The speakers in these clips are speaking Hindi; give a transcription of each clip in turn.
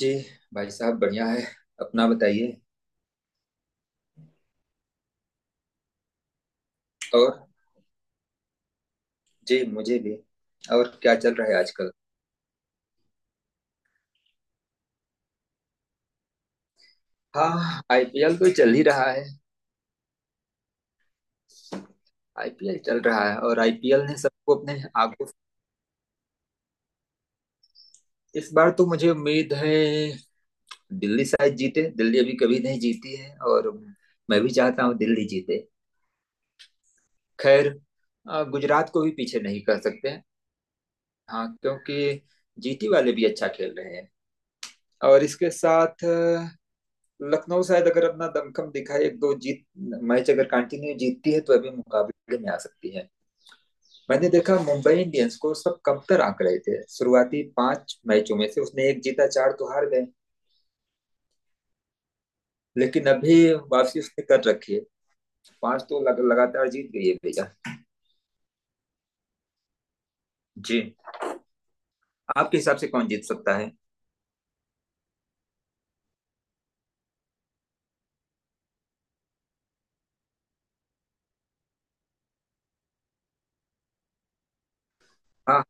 जी भाई साहब बढ़िया है। अपना बताइए। और जी मुझे भी। और क्या चल रहा है आजकल? हाँ आईपीएल तो चल ही रहा है। आईपीएल चल रहा है और आईपीएल ने सबको अपने आगो। इस बार तो मुझे उम्मीद है दिल्ली शायद जीते। दिल्ली अभी कभी नहीं जीती है और मैं भी चाहता हूँ दिल्ली जीते। खैर, गुजरात को भी पीछे नहीं कर सकते। हाँ क्योंकि जीटी वाले भी अच्छा खेल रहे हैं। और इसके साथ लखनऊ शायद अगर अपना दमखम दिखाए, एक दो जीत मैच अगर कंटिन्यू जीतती है तो अभी मुकाबले में आ सकती है। मैंने देखा मुंबई इंडियंस को सब कमतर आंक रहे थे। शुरुआती 5 मैचों में से उसने एक जीता, चार तो हार गए। लेकिन अभी वापसी उसने कर रखी है। पांच तो लगातार जीत गई है भैया। जी, आपके हिसाब से कौन जीत सकता है? हाँ।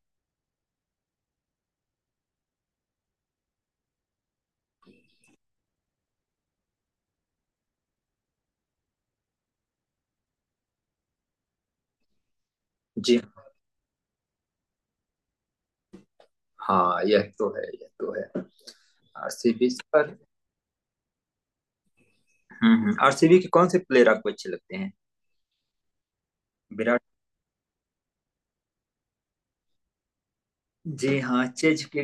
जी हाँ, यह तो है यह तो है। आरसीबी पर। हम्म, आरसीबी के कौन से प्लेयर आपको अच्छे लगते हैं? विराट। जी हाँ चेज के।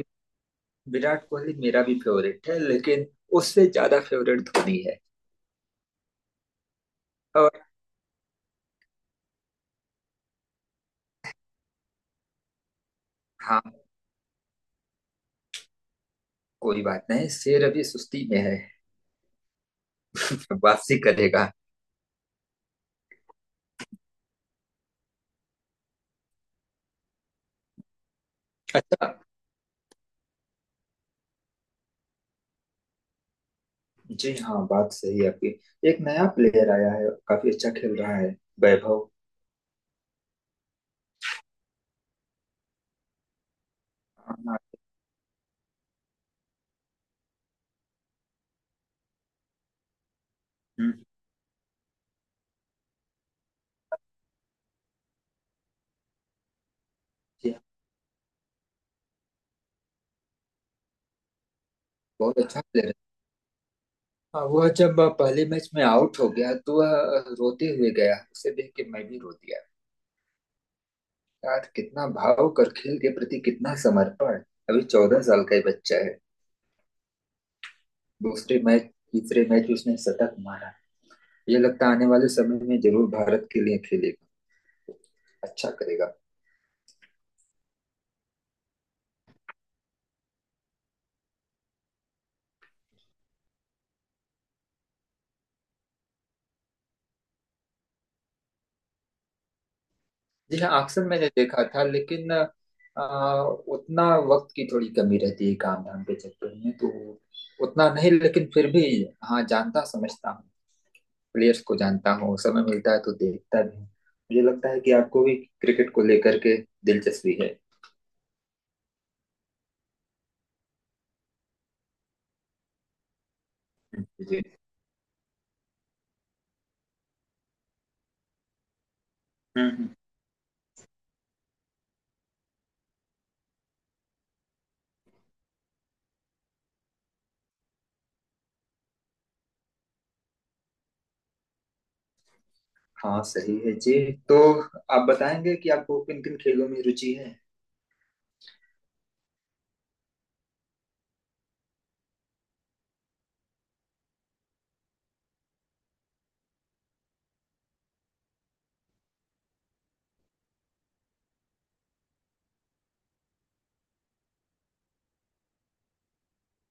विराट कोहली मेरा भी फेवरेट है लेकिन उससे ज्यादा फेवरेट धोनी है। और हाँ, कोई बात नहीं, शेर अभी सुस्ती में है। वापसी करेगा। अच्छा। जी हाँ बात सही है आपकी। एक नया प्लेयर आया है, काफी अच्छा खेल रहा है। वैभव। हाँ। हम्म। जी हाँ। बहुत अच्छा प्लेयर है। हाँ, वह जब पहले मैच में आउट हो गया तो वह रोते हुए गया। उसे देख के मैं भी रो दिया। यार कितना भाव कर, खेल के प्रति कितना समर्पण। अभी 14 साल का ही बच्चा है। दूसरे मैच, तीसरे मैच में उसने शतक मारा। ये लगता है आने वाले समय में जरूर भारत के लिए खेलेगा, अच्छा करेगा। जी हाँ, अक्सर मैंने देखा था लेकिन उतना वक्त की थोड़ी कमी रहती है काम धाम के चक्कर में, तो उतना नहीं लेकिन फिर भी हाँ, जानता समझता हूँ, प्लेयर्स को जानता हूँ। समय मिलता है तो देखता भी हूँ। मुझे लगता है कि आपको भी क्रिकेट को लेकर के दिलचस्पी है। जी। हम्म हम्म। हाँ सही है जी। तो आप बताएंगे कि आपको किन किन खेलों में रुचि है?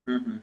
हम्म हम्म।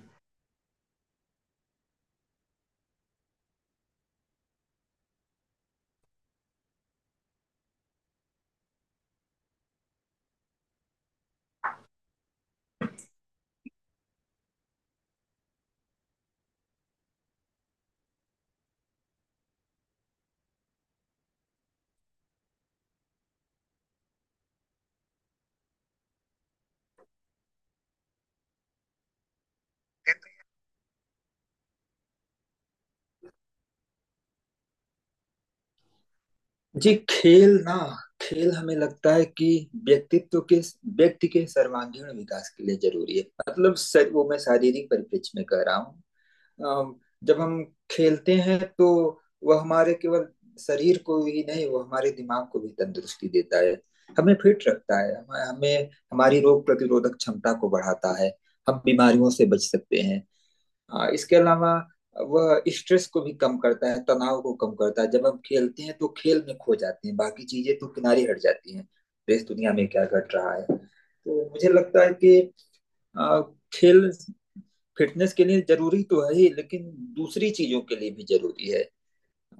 जी, खेल ना, खेल हमें लगता है कि व्यक्तित्व के व्यक्ति के सर्वांगीण विकास के लिए जरूरी है। मतलब वो मैं शारीरिक परिप्रेक्ष्य में कह रहा हूँ। अम, जब हम खेलते हैं तो वह हमारे केवल शरीर को ही नहीं, वह हमारे दिमाग को भी तंदुरुस्ती देता है। हमें फिट रखता है, हमें हमें- हमारी रोग प्रतिरोधक क्षमता को बढ़ाता है। हम बीमारियों से बच सकते हैं। हाँ, इसके अलावा वह स्ट्रेस को भी कम करता है, तनाव को कम करता है। जब हम खेलते हैं तो खेल में खो जाते हैं, बाकी चीजें तो किनारे हट जाती हैं। देश दुनिया में क्या घट रहा है, तो मुझे लगता है कि अ, खेल फिटनेस के लिए जरूरी तो है ही लेकिन दूसरी चीजों के लिए भी जरूरी है।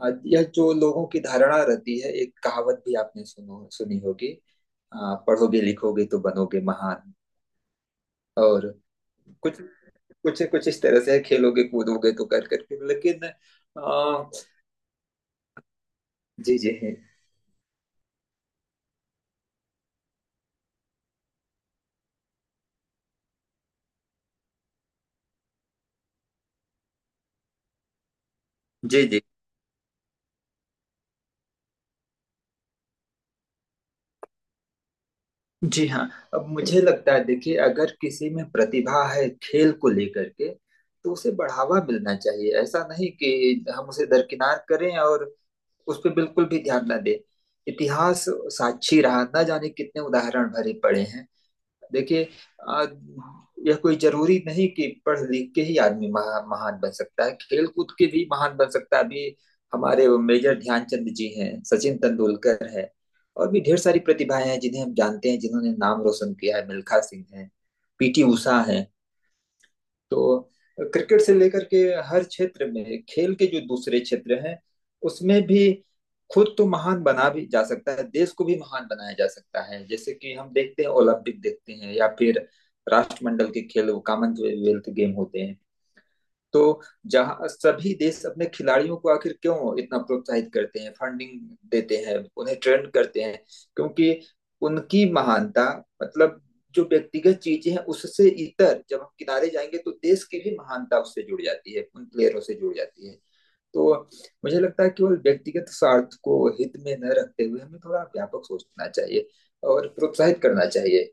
यह जो लोगों की धारणा रहती है, एक कहावत भी आपने सुनो सुनी होगी, पढ़ोगे लिखोगे तो बनोगे महान, और कुछ कुछ कुछ इस तरह से है, खेलोगे कूदोगे तो कर करके, लेकिन जी जी है। जी जी जी हाँ। अब मुझे लगता है देखिए, अगर किसी में प्रतिभा है खेल को लेकर के तो उसे बढ़ावा मिलना चाहिए। ऐसा नहीं कि हम उसे दरकिनार करें और उस पर बिल्कुल भी ध्यान ना दें। इतिहास साक्षी रहा, ना जाने कितने उदाहरण भरे पड़े हैं। देखिए, आ, यह कोई जरूरी नहीं कि पढ़ लिख के ही आदमी महान बन सकता है, खेल कूद के भी महान बन सकता है। अभी हमारे वो मेजर ध्यानचंद जी हैं, सचिन तेंदुलकर है, और भी ढेर सारी प्रतिभाएं हैं जिन्हें हम जानते हैं जिन्होंने नाम रोशन किया है। मिल्खा सिंह है, पीटी उषा है। तो क्रिकेट से लेकर के हर क्षेत्र में, खेल के जो दूसरे क्षेत्र हैं उसमें भी खुद तो महान बना भी जा सकता है, देश को भी महान बनाया जा सकता है। जैसे कि हम देखते हैं, ओलंपिक देखते हैं, या फिर राष्ट्रमंडल के खेल कॉमनवेल्थ गेम होते हैं। तो जहाँ सभी देश अपने खिलाड़ियों को आखिर क्यों इतना प्रोत्साहित करते हैं, फंडिंग देते हैं, उन्हें ट्रेंड करते हैं, क्योंकि उनकी महानता, मतलब, जो व्यक्तिगत चीजें हैं उससे इतर जब हम किनारे जाएंगे तो देश की भी महानता उससे जुड़ जाती है, उन प्लेयरों से जुड़ जाती है। तो मुझे लगता है केवल व्यक्तिगत स्वार्थ को हित में न रखते हुए हमें थोड़ा व्यापक सोचना चाहिए और प्रोत्साहित करना चाहिए।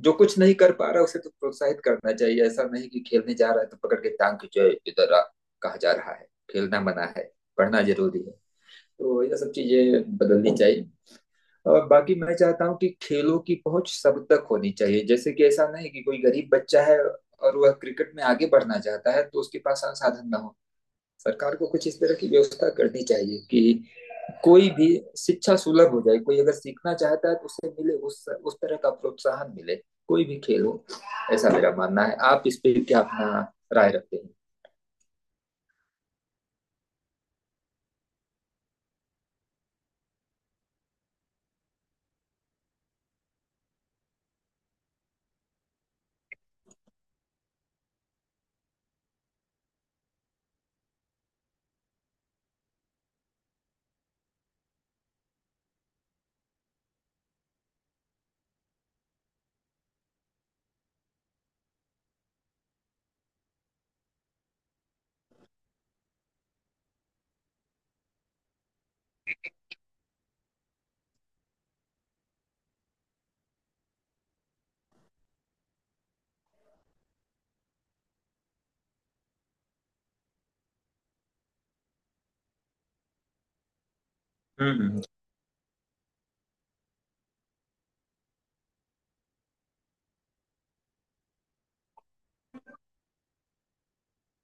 जो कुछ नहीं कर पा रहा उसे तो प्रोत्साहित करना चाहिए। ऐसा नहीं कि खेलने जा रहा है तो पकड़ के टांग खींचो इधर, कहा जा रहा है खेलना मना है, पढ़ना जरूरी है। तो ये सब चीजें बदलनी चाहिए। और बाकी मैं चाहता हूँ कि खेलों की पहुंच सब तक होनी चाहिए। जैसे कि ऐसा नहीं कि कोई गरीब बच्चा है और वह क्रिकेट में आगे बढ़ना चाहता है तो उसके पास संसाधन ना हो। सरकार को कुछ इस तरह की व्यवस्था करनी चाहिए कि कोई भी शिक्षा सुलभ हो जाए, कोई अगर सीखना चाहता है तो उसे मिले, उस तरह का प्रोत्साहन मिले, कोई भी खेल हो। ऐसा मेरा मानना है, आप इस पे क्या अपना राय रखते हैं? हम्म।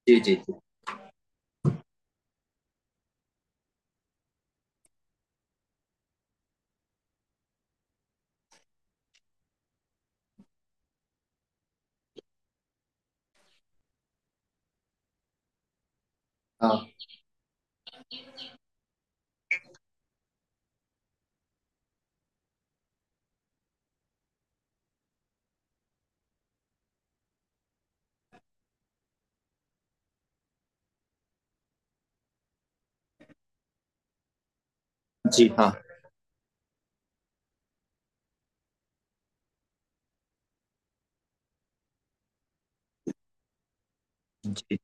जी जी। जी हाँ। जी हाँ। जी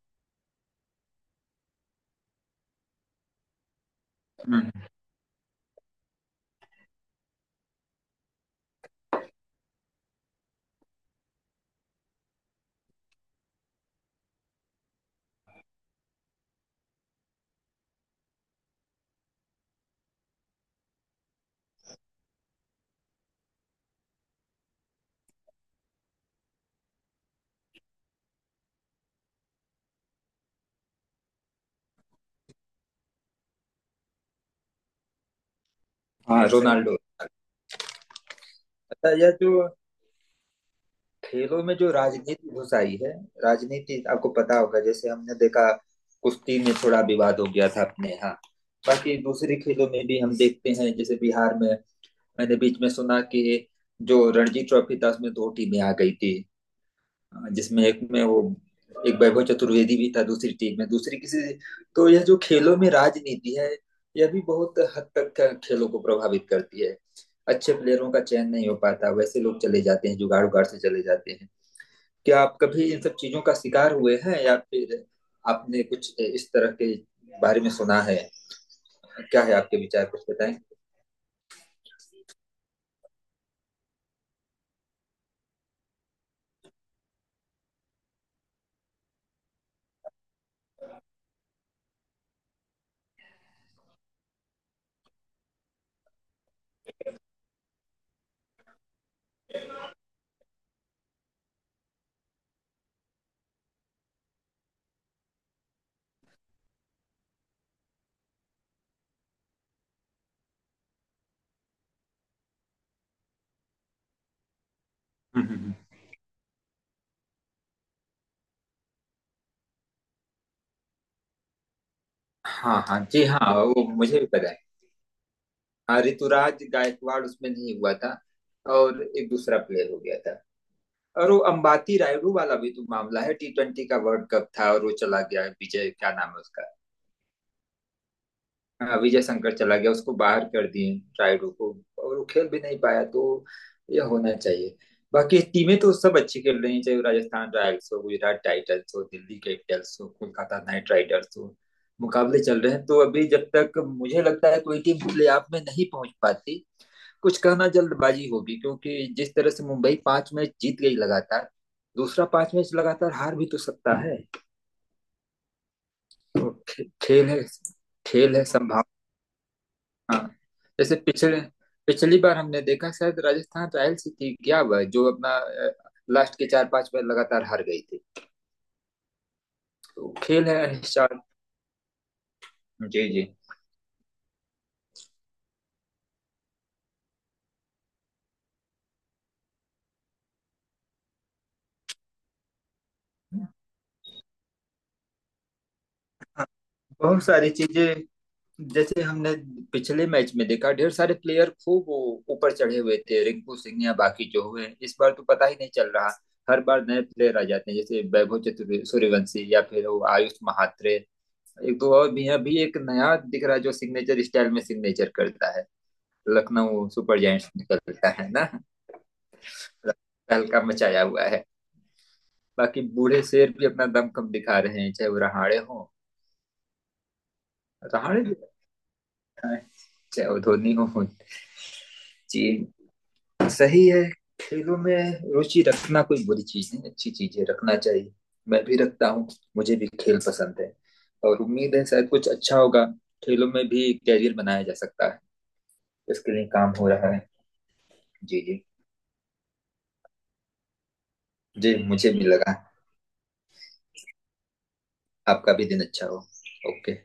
हाँ रोनाल्डो। अच्छा, यह जो खेलों में जो राजनीति घुस आई है, राजनीति आपको पता होगा, जैसे हमने देखा कुश्ती में थोड़ा विवाद हो गया था अपने यहाँ। बाकी दूसरे खेलों में भी हम देखते हैं, जैसे बिहार में मैंने बीच में सुना कि जो रणजी ट्रॉफी था उसमें 2 टीमें आ गई थी। जिसमें एक में वो एक वैभव चतुर्वेदी भी था, दूसरी टीम में दूसरी किसी। तो यह जो खेलों में राजनीति है, यह भी बहुत हद तक खेलों को प्रभावित करती है। अच्छे प्लेयरों का चयन नहीं हो पाता, वैसे लोग चले जाते हैं जुगाड़ उगाड़ से चले जाते हैं। क्या आप कभी इन सब चीजों का शिकार हुए हैं, या फिर आपने कुछ इस तरह के बारे में सुना है? क्या है आपके विचार, कुछ बताएं। हम्म, हम्म, हम्म। हाँ हाँ जी हाँ वो मुझे भी पता है। हाँ ऋतुराज गायकवाड़ उसमें नहीं हुआ था और एक दूसरा प्लेयर हो गया था। और वो अंबाती रायडू वाला भी तो मामला है, T20 का वर्ल्ड कप था और वो चला गया, विजय क्या नाम है उसका? हाँ, विजय शंकर चला गया, उसको बाहर कर दिए, रायडू को, और वो खेल भी नहीं पाया। तो ये होना चाहिए। बाकी टीमें तो सब अच्छी खेल रही हैं, चाहे वो राजस्थान रॉयल्स हो, गुजरात टाइटंस हो, दिल्ली कैपिटल्स हो, कोलकाता नाइट राइडर्स हो। मुकाबले चल रहे हैं, तो अभी जब तक मुझे लगता है कोई टीम प्ले ऑफ में नहीं पहुंच पाती, कुछ कहना जल्दबाजी होगी। क्योंकि जिस तरह से मुंबई 5 मैच जीत गई लगातार, दूसरा 5 मैच लगातार हार भी तो सकता है। तो खेल है, खेल है संभावना। जैसे पिछले, पिछली बार हमने देखा शायद राजस्थान रॉयल्स ही थी क्या, वह जो अपना लास्ट के चार पांच मैच लगातार हार गई थी। तो खेल है अनिश्चित। जी जी। हाँ, बहुत सारी चीजें। जैसे हमने पिछले मैच में देखा ढेर सारे प्लेयर खूब वो ऊपर चढ़े हुए थे, रिंकू सिंह या बाकी जो हुए, इस बार तो पता ही नहीं चल रहा। हर बार नए प्लेयर आ जाते हैं, जैसे वैभव चतुर सूर्यवंशी, या फिर वो आयुष महात्रे, एक दो और भी हैं। अभी एक नया दिख रहा है जो सिग्नेचर स्टाइल में सिग्नेचर करता है, लखनऊ सुपर जायंट्स निकलता है ना, तहलका मचाया हुआ है। बाकी बूढ़े शेर भी अपना दम कम दिखा रहे हैं, चाहे वो रहाड़े हो, रहाड़े भी अच्छा है, चाहे वो धोनी हो। जी सही है। खेलों में रुचि रखना कोई बुरी चीज नहीं, अच्छी चीज है, रखना चाहिए। मैं भी रखता हूँ, मुझे भी खेल पसंद है, और उम्मीद है शायद कुछ अच्छा होगा। खेलों में भी कैरियर बनाया जा सकता है, इसके लिए काम हो रहा है। जी जी। जी मुझे भी लगा। आपका भी दिन अच्छा हो। ओके।